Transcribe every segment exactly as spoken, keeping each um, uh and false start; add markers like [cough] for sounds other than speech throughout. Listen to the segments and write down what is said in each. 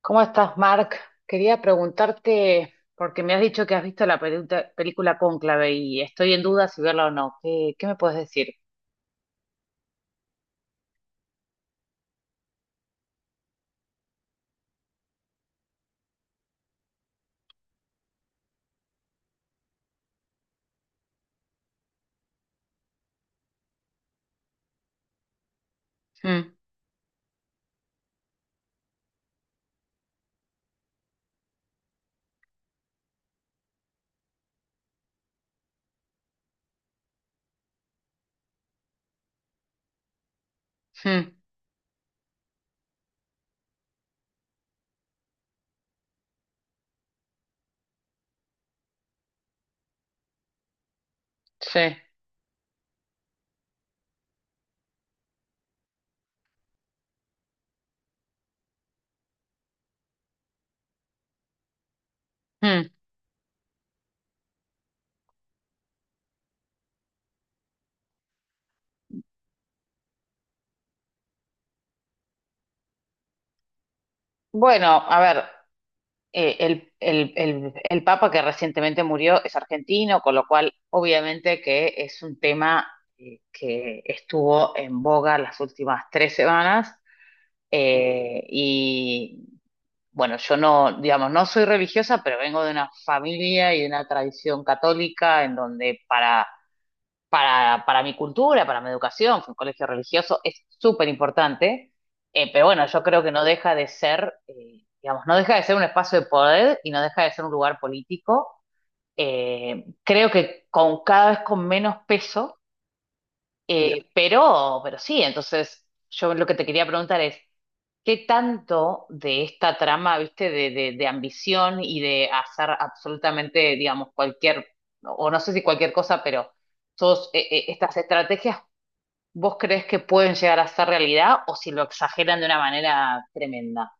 ¿Cómo estás, Mark? Quería preguntarte, porque me has dicho que has visto la pelu- película Cónclave y estoy en duda si verla o no. ¿Qué, qué me puedes decir? Mm. Mm. Sí. Mm. Bueno, a ver, eh, el, el, el, el Papa que recientemente murió es argentino, con lo cual obviamente que es un tema eh, que estuvo en boga las últimas tres semanas. Eh, y bueno, yo no, digamos, no soy religiosa, pero vengo de una familia y de una tradición católica en donde para, para, para mi cultura, para mi educación, fue un colegio religioso, es súper importante, eh, pero bueno, yo creo que no deja de ser, eh, digamos, no deja de ser un espacio de poder y no deja de ser un lugar político. Eh, creo que con cada vez con menos peso ya. Eh, pero, pero sí, entonces yo lo que te quería preguntar es, ¿qué tanto de esta trama, viste, de, de, de ambición y de hacer absolutamente, digamos, cualquier, o no sé si cualquier cosa, pero todas eh, eh, estas estrategias, ¿vos crees que pueden llegar a ser realidad o si lo exageran de una manera tremenda?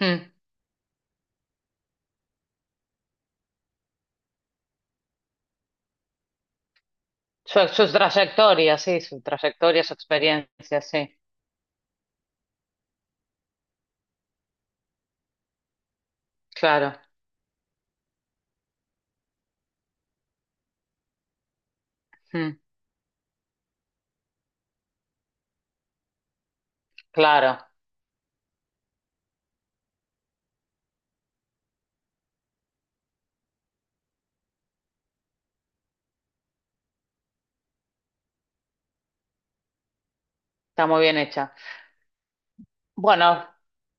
Mm. Su, su trayectoria, sí, su trayectoria, su experiencia, sí, claro. Mm. Claro, está muy bien hecha. Bueno,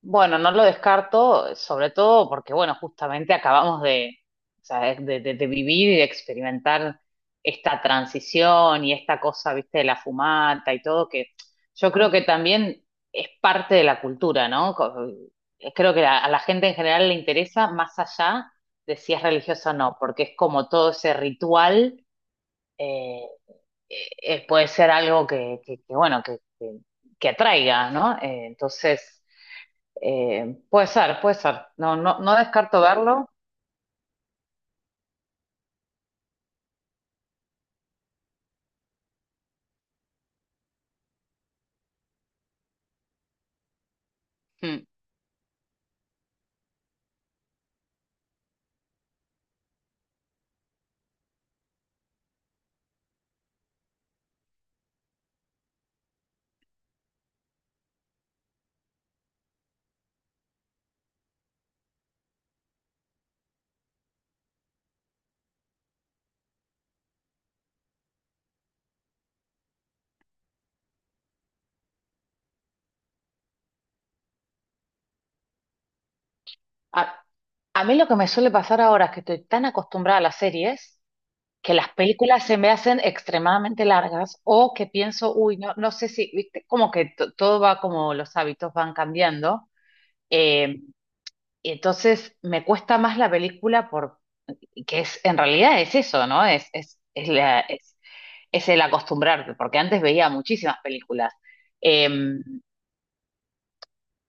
bueno, no lo descarto, sobre todo porque, bueno, justamente acabamos de, o sea, de, de- de vivir y de experimentar esta transición y esta cosa, viste, de la fumata y todo, que yo creo que también es parte de la cultura, ¿no? Co- eh, Creo que a, a la gente en general le interesa más allá de si es religiosa o no, porque es como todo ese ritual, eh, eh, puede ser algo que, que- que, bueno, que, que- que atraiga, ¿no? Eh, entonces... Eh, puede ser, puede ser. No, no, no descarto verlo. Mm. A, a mí lo que me suele pasar ahora es que estoy tan acostumbrada a las series que las películas se me hacen extremadamente largas o que pienso, uy, no, no sé si, viste, como que to- todo va como los hábitos van cambiando. Eh, y entonces me cuesta más la película por, que es, en realidad es eso, ¿no? Es, es, es, la- es, es el acostumbrarte, porque antes veía muchísimas películas. Em,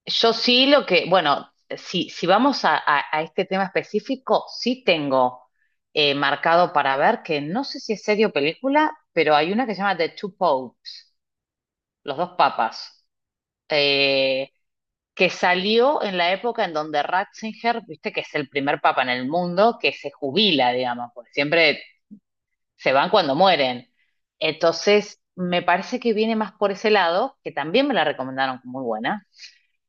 Yo sí lo que, bueno, si, si vamos a, a- a este tema específico, sí tengo eh, marcado para ver que no sé si es serie o película, pero hay una que se llama The Two Popes, Los Dos Papas, eh, que salió en la época en donde Ratzinger, viste que es el primer papa en el mundo que se jubila, digamos, porque siempre se van cuando mueren. Entonces, me parece que viene más por ese lado, que también me la recomendaron como muy buena.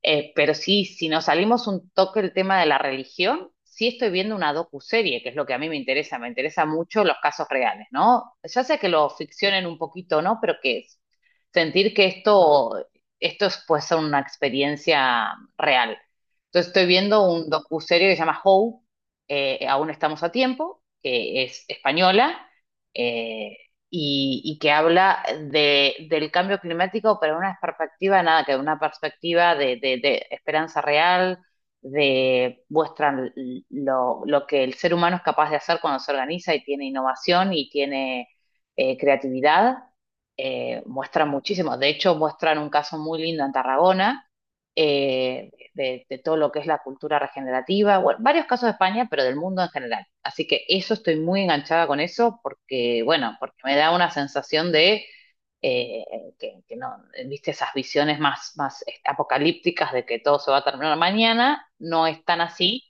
Eh, pero sí, si nos salimos un toque del tema de la religión, sí estoy viendo una docuserie, que es lo que a mí me interesa, me interesa mucho los casos reales, ¿no? Ya sea que lo ficcionen un poquito, ¿no? Pero que es sentir que esto, esto es pues una experiencia real. Entonces estoy viendo un docuserie que se llama How, eh, Aún estamos a tiempo, que es española, eh, y, y que habla de, del cambio climático, pero en una perspectiva, nada, que una perspectiva de, de- de esperanza real, de muestran lo, lo que el ser humano es capaz de hacer cuando se organiza y tiene innovación y tiene eh, creatividad. Eh, muestran muchísimo, de hecho muestran un caso muy lindo en Tarragona, eh, de, de todo lo que es la cultura regenerativa, bueno, varios casos de España, pero del mundo en general. Así que eso estoy muy enganchada con eso porque, bueno, porque me da una sensación de eh, que, que no, viste, esas visiones más, más apocalípticas de que todo se va a terminar mañana, no es tan así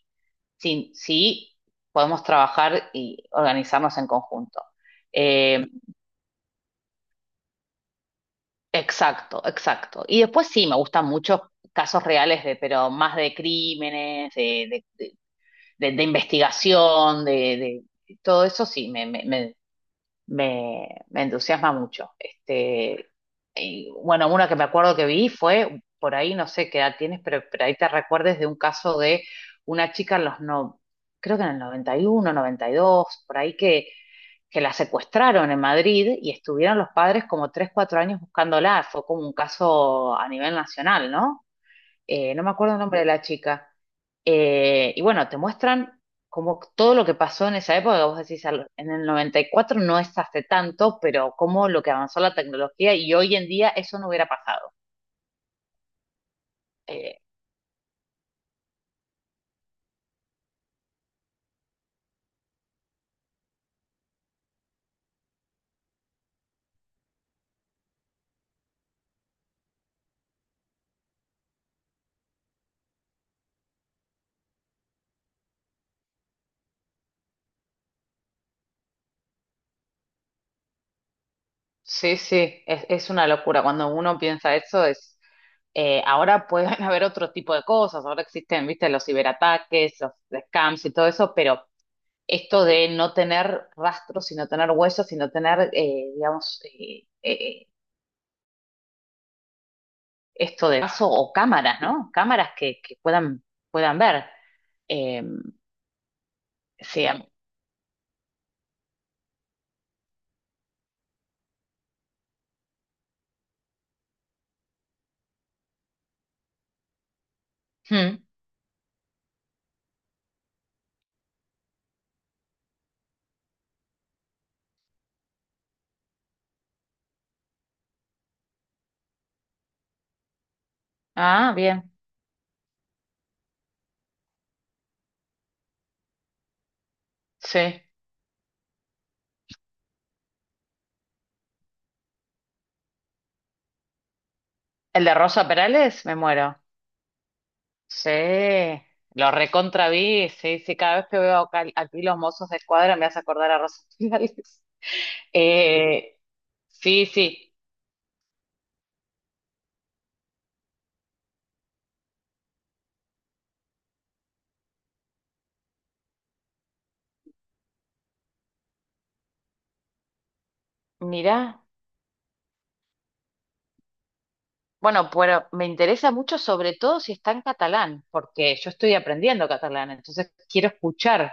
si, si podemos trabajar y organizarnos en conjunto. Eh, exacto, exacto. Y después sí, me gustan muchos casos reales, de, pero más de crímenes, de, de, de investigación, de, de, todo eso sí, me, me, me, me me entusiasma mucho. Este, y, bueno, una que me acuerdo que vi fue, por ahí no sé qué edad tienes, pero, pero ahí te recuerdes de un caso de una chica en los no, creo que en el noventa noventa y uno noventa y dos por ahí que, que la secuestraron en Madrid y estuvieron los padres como tres cuatro años buscándola. Fue como un caso a nivel nacional, ¿no? eh, no me acuerdo el nombre de la chica. Eh, y bueno, te muestran como todo lo que pasó en esa época, vos decís, al- en el noventa y cuatro no es hace tanto, pero como lo que avanzó la tecnología y hoy en día eso no hubiera pasado. Eh, sí, sí, es, es una locura. Cuando uno piensa eso es, eh, ahora pueden [laughs] haber otro tipo de cosas, ahora existen, viste, los ciberataques, los scams y todo eso, pero esto de no tener rastros, sino tener huesos, sino tener, eh, digamos, eh, eh, esto de vaso o cámaras, ¿no? Cámaras que, que puedan, puedan ver. Eh, sí. am- Mm. Ah, bien. Sí. El de Rosa Perales, me muero. Sí. Lo recontra vi. Sí, sí. Cada vez que veo acá- aquí los mozos de escuadra me hace acordar a Rosa Perales. [laughs] Eh, sí, sí. Mirá. Bueno, pero me interesa mucho, sobre todo si está en catalán, porque yo estoy aprendiendo catalán, entonces quiero escuchar.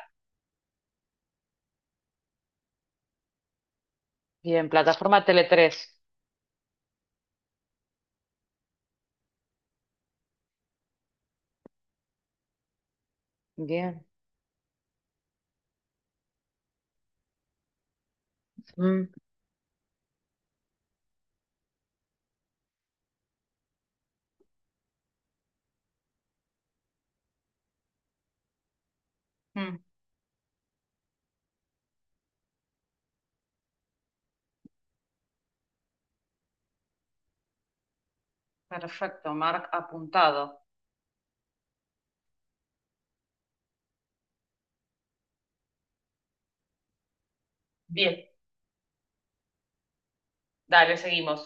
Bien, plataforma tele tres. Bien. Mm. Mm, perfecto, Mark apuntado. Bien, dale vos.